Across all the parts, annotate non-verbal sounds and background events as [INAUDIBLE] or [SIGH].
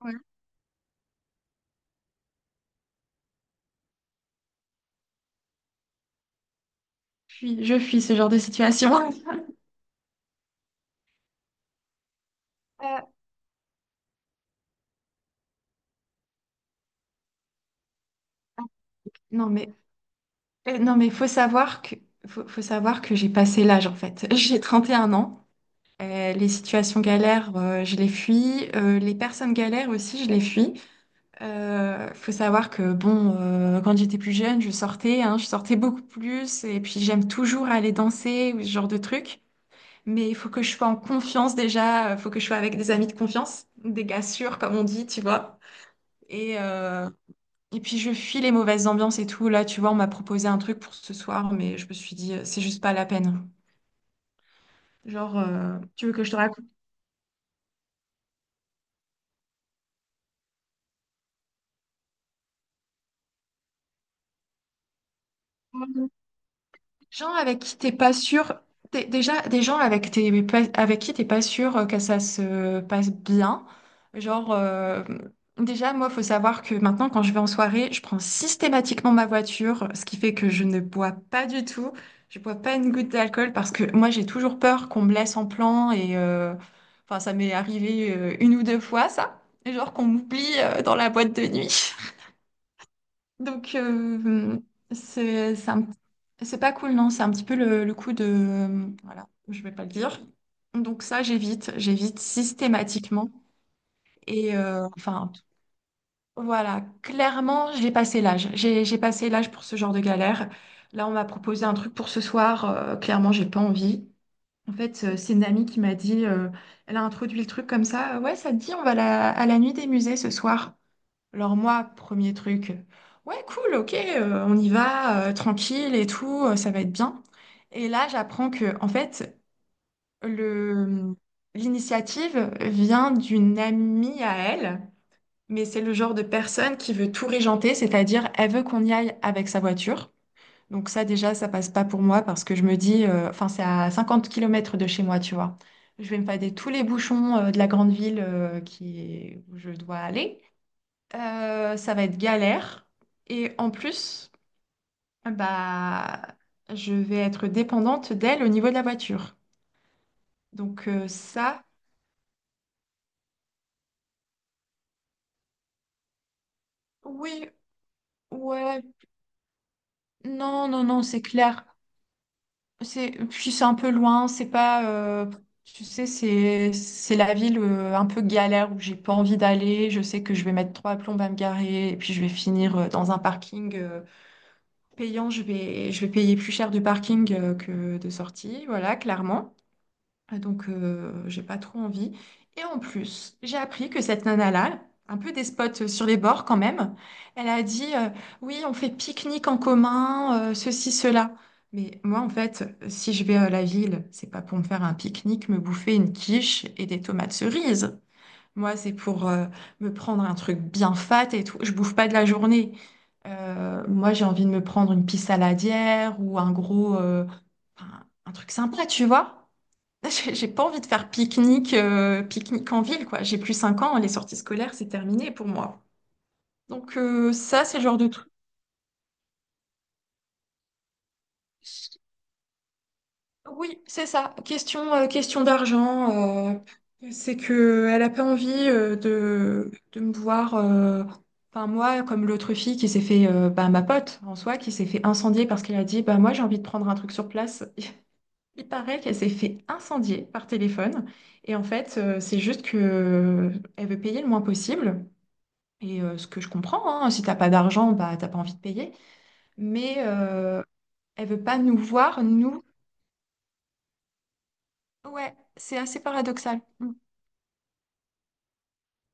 Ouais, je fuis ce genre de situation. [LAUGHS] Euh, non mais non mais faut savoir que j'ai passé l'âge en fait. [LAUGHS] J'ai 31 ans. Les situations galères, je les fuis. Les personnes galères aussi, je les fuis. Faut savoir que bon, quand j'étais plus jeune, hein, je sortais beaucoup plus. Et puis j'aime toujours aller danser ou ce genre de truc. Mais il faut que je sois en confiance déjà. Il faut que je sois avec des amis de confiance, des gars sûrs comme on dit, tu vois. Et, euh, Et puis je fuis les mauvaises ambiances et tout. Là, tu vois, on m'a proposé un truc pour ce soir, mais je me suis dit, c'est juste pas la peine. Genre, tu veux que je te raconte? Quoi, gens avec qui t'es pas sûr, déjà des gens avec qui t'es pas sûr que ça se passe bien. Genre, déjà, moi, faut savoir que maintenant, quand je vais en soirée, je prends systématiquement ma voiture, ce qui fait que je ne bois pas du tout. Je bois pas une goutte d'alcool parce que moi, j'ai toujours peur qu'on me laisse en plan et enfin, ça m'est arrivé une ou deux fois, ça. Et genre qu'on m'oublie, dans la boîte de nuit. Donc, c'est c'est un c'est pas cool, non? C'est un petit peu le coup de... Voilà, je vais pas le dire. Donc ça, j'évite systématiquement. Et enfin, voilà, clairement, j'ai passé l'âge. J'ai passé l'âge pour ce genre de galère. Là, on m'a proposé un truc pour ce soir. Clairement, j'ai pas envie. En fait, c'est une amie qui m'a dit, elle a introduit le truc comme ça. Ouais, ça te dit, on va à la nuit des musées ce soir. Alors moi, premier truc, ouais, cool, ok, on y va, tranquille et tout, ça va être bien. Et là, j'apprends que, en fait, le, l'initiative vient d'une amie à elle, mais c'est le genre de personne qui veut tout régenter, c'est-à-dire elle veut qu'on y aille avec sa voiture. Donc ça, déjà, ça passe pas pour moi parce que je me dis, enfin, c'est à 50 kilomètres de chez moi, tu vois. Je vais me fader tous les bouchons, de la grande ville, où je dois aller. Ça va être galère. Et en plus, bah, je vais être dépendante d'elle au niveau de la voiture. Donc ça, oui, ouais, non, non, non, c'est clair. Puis c'est un peu loin, c'est pas, tu sais, c'est la ville un peu galère où j'ai pas envie d'aller. Je sais que je vais mettre trois plombes à me garer et puis je vais finir dans un parking payant. Je vais payer plus cher du parking que de sortie, voilà, clairement. Ah, donc, j'ai pas trop envie. Et en plus, j'ai appris que cette nana-là, un peu despote sur les bords quand même, elle a dit, oui, on fait pique-nique en commun, ceci, cela. Mais moi, en fait, si je vais à la ville, c'est pas pour me faire un pique-nique, me bouffer une quiche et des tomates cerises. Moi, c'est pour me prendre un truc bien fat et tout. Je bouffe pas de la journée. Moi, j'ai envie de me prendre une pisse saladière ou un gros, un truc sympa, tu vois? [LAUGHS] J'ai pas envie de faire pique-nique en ville, quoi. J'ai plus 5 ans, les sorties scolaires, c'est terminé pour moi. Donc ça, c'est le genre de truc. Oui, c'est ça. Question d'argent. C'est que elle a pas envie de me voir, enfin moi, comme l'autre fille qui s'est fait, bah, ma pote en soi, qui s'est fait incendier parce qu'elle a dit, bah moi j'ai envie de prendre un truc sur place. [LAUGHS] Il paraît qu'elle s'est fait incendier par téléphone. Et en fait, c'est juste que elle veut payer le moins possible. Et ce que je comprends, hein, si t'as pas d'argent, bah t'as pas envie de payer. Mais elle veut pas nous voir, nous. Ouais, c'est assez paradoxal. Mm.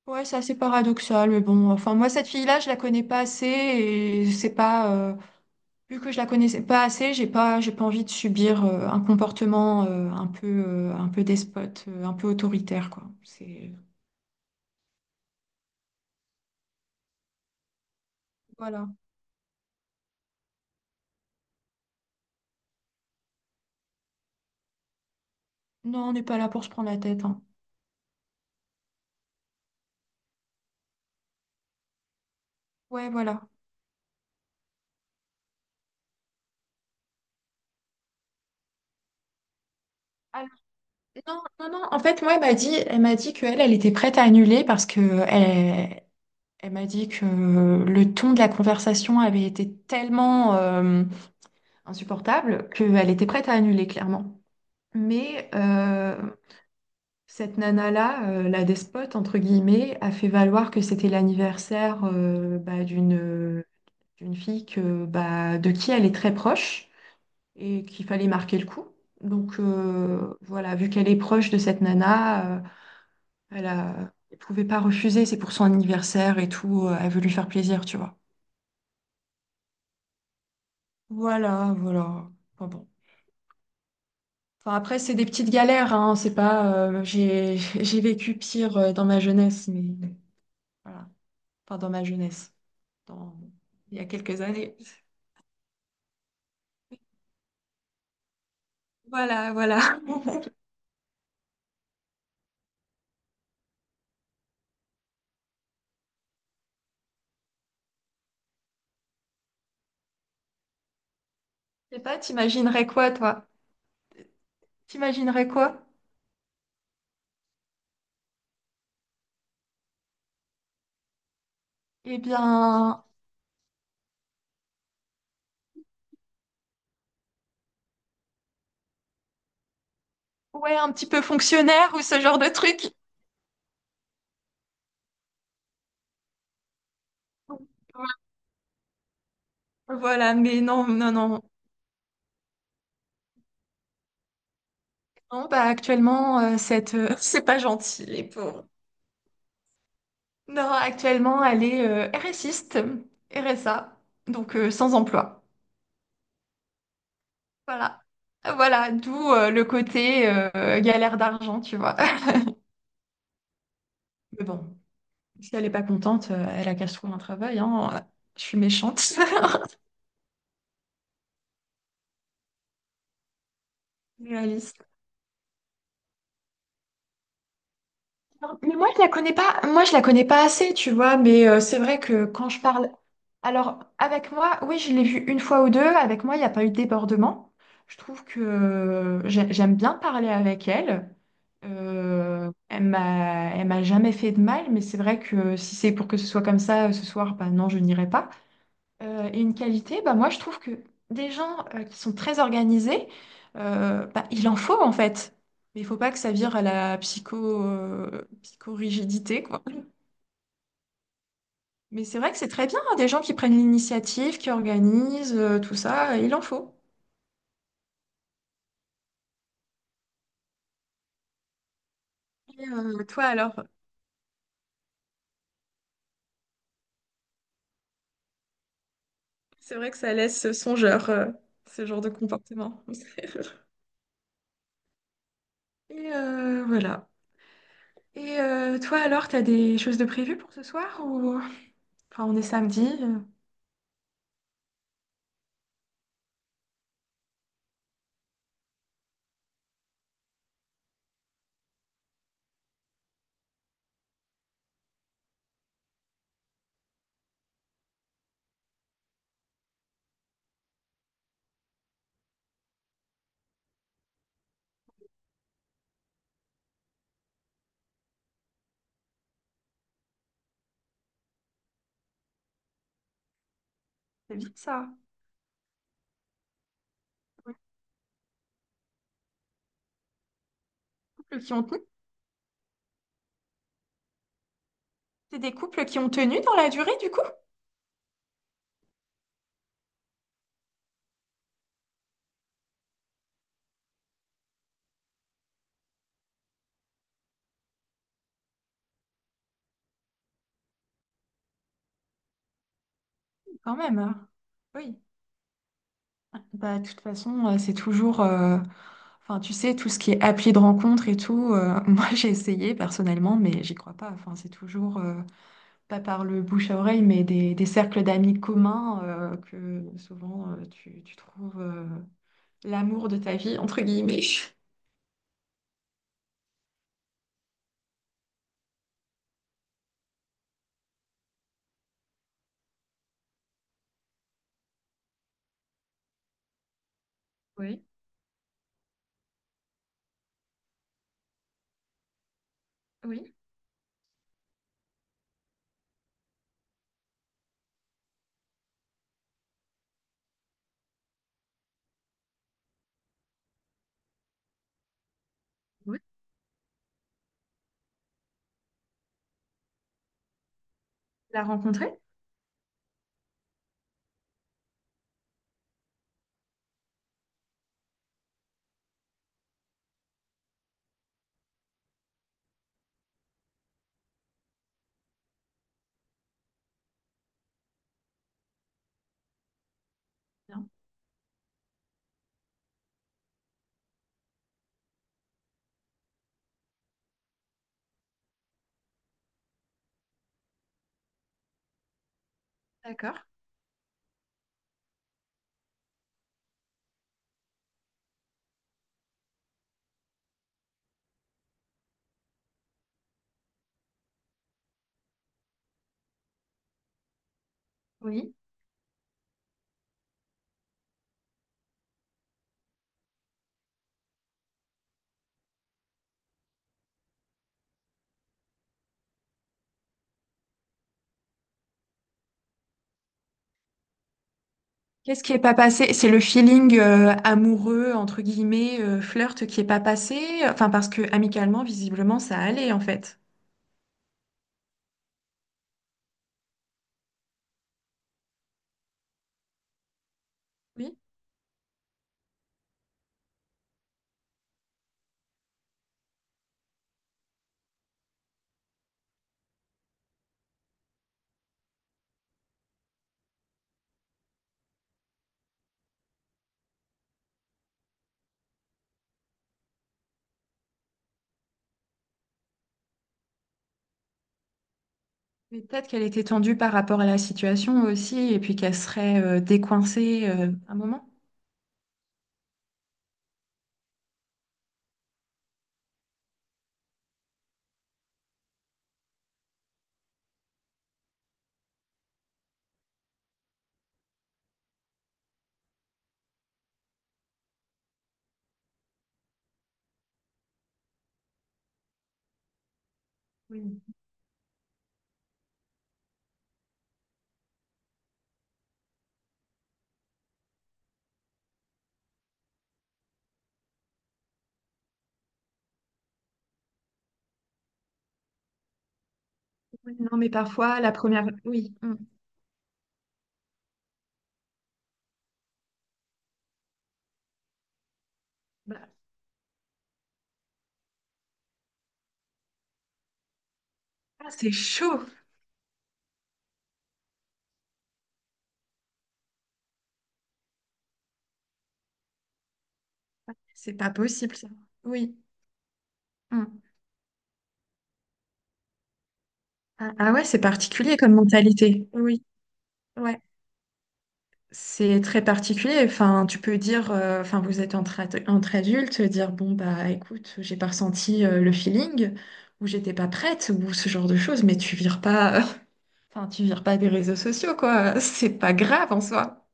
Ouais, c'est assez paradoxal, mais bon, enfin moi cette fille-là, je la connais pas assez et c'est pas vu que je la connaissais pas assez, j'ai pas envie de subir un comportement un peu despote, un peu autoritaire quoi. C'est Voilà. Non, on n'est pas là pour se prendre la tête, hein. Ouais, voilà. Non, non, non. En fait, moi, elle m'a dit qu'elle, elle était prête à annuler parce que elle, elle m'a dit que le ton de la conversation avait été tellement insupportable qu'elle était prête à annuler, clairement. Mais cette nana-là, la despote, entre guillemets, a fait valoir que c'était l'anniversaire, bah, d'une fille bah, de qui elle est très proche et qu'il fallait marquer le coup. Donc voilà, vu qu'elle est proche de cette nana. Elle pouvait pas refuser, c'est pour son anniversaire et tout, elle veut lui faire plaisir, tu vois. Voilà, voilà. Enfin bon. Enfin, après, c'est des petites galères, hein, c'est pas... j'ai [LAUGHS] j'ai vécu pire dans ma jeunesse, mais voilà. Enfin, dans ma jeunesse, dans... il y a quelques années. Voilà, voilà. [LAUGHS] Je sais pas, t'imaginerais quoi, toi? T'imaginerais quoi? Eh bien, ouais, un petit peu fonctionnaire ou ce genre de truc. Voilà, mais non, non, non. Non, bah actuellement, [LAUGHS] c'est pas gentil, les pauvres. Non, actuellement, elle est RSiste, RSA, donc sans emploi. Voilà. Voilà, d'où le côté galère d'argent, tu vois. [LAUGHS] Mais bon, si elle est pas contente, elle a qu'à se trouver un travail, hein. Je suis méchante. [LAUGHS] Réaliste. Non, mais moi, je la connais pas, moi, je la connais pas assez, tu vois, mais c'est vrai que quand je parle. Alors, avec moi, oui, je l'ai vu une fois ou deux. Avec moi, il n'y a pas eu de débordement. Je trouve que j'aime bien parler avec elle. Elle m'a jamais fait de mal, mais c'est vrai que si c'est pour que ce soit comme ça ce soir, bah non, je n'irai pas. Et une qualité, bah moi, je trouve que des gens qui sont très organisés, bah, il en faut en fait. Mais il faut pas que ça vire à la psychorigidité, quoi. Mais c'est vrai que c'est très bien, hein, des gens qui prennent l'initiative, qui organisent, tout ça, il en faut. Et, toi alors, c'est vrai que ça laisse songeur, ce genre de comportement. [LAUGHS] Et voilà. Et toi alors, t'as des choses de prévues pour ce soir ou... Enfin, on est samedi, c'est bien ça. Pour les couples qui ont tenu. C'est des couples qui ont tenu dans la durée du coup? Quand même, hein. Oui. Bah, de toute façon, c'est toujours, enfin, tu sais, tout ce qui est appli de rencontre et tout, [LAUGHS] moi j'ai essayé personnellement, mais j'y crois pas. Enfin, c'est toujours, pas par le bouche à oreille, mais des cercles d'amis communs que souvent tu trouves l'amour de ta vie, entre guillemets. Oui, oui, oui. Tu l'as rencontré? Bien. D'accord, oui. Qu'est-ce qui est pas passé? C'est le feeling, amoureux, entre guillemets, flirt qui est pas passé. Enfin, parce que amicalement, visiblement, ça allait en fait. Oui, mais peut-être qu'elle était tendue par rapport à la situation aussi, et puis qu'elle serait décoincée un moment. Oui. Oui, non, mais parfois, la première... Oui. Mm. Bah, ah, c'est chaud. C'est pas possible, ça. Oui. Mm. Ah, ah ouais, c'est particulier comme mentalité. Oui. Ouais. C'est très particulier. Enfin, tu peux dire... enfin, vous êtes entre adultes, dire, bon, bah, écoute, j'ai pas ressenti, le feeling, ou j'étais pas prête, ou ce genre de choses, mais tu vires pas... Enfin, tu vires pas des réseaux sociaux, quoi. [LAUGHS] C'est pas grave en soi.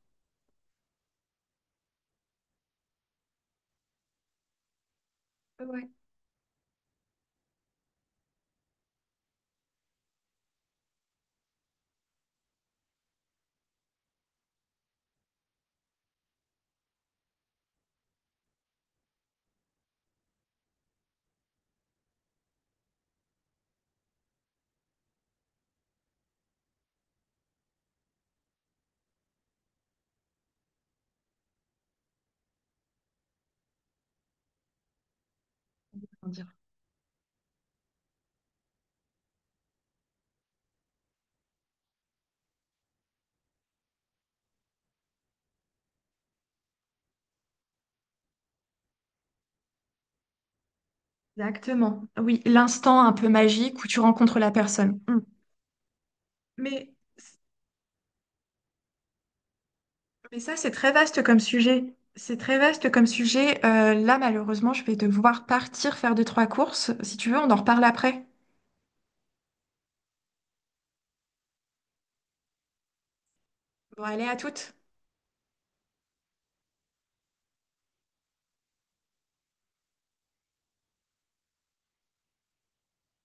Ouais. Comment dire? Exactement. Oui, l'instant un peu magique où tu rencontres la personne. Mm. Mais, mais ça, c'est très vaste comme sujet. C'est très vaste comme sujet. Là, malheureusement, je vais devoir partir faire deux, trois courses. Si tu veux, on en reparle après. Bon, allez, à toutes.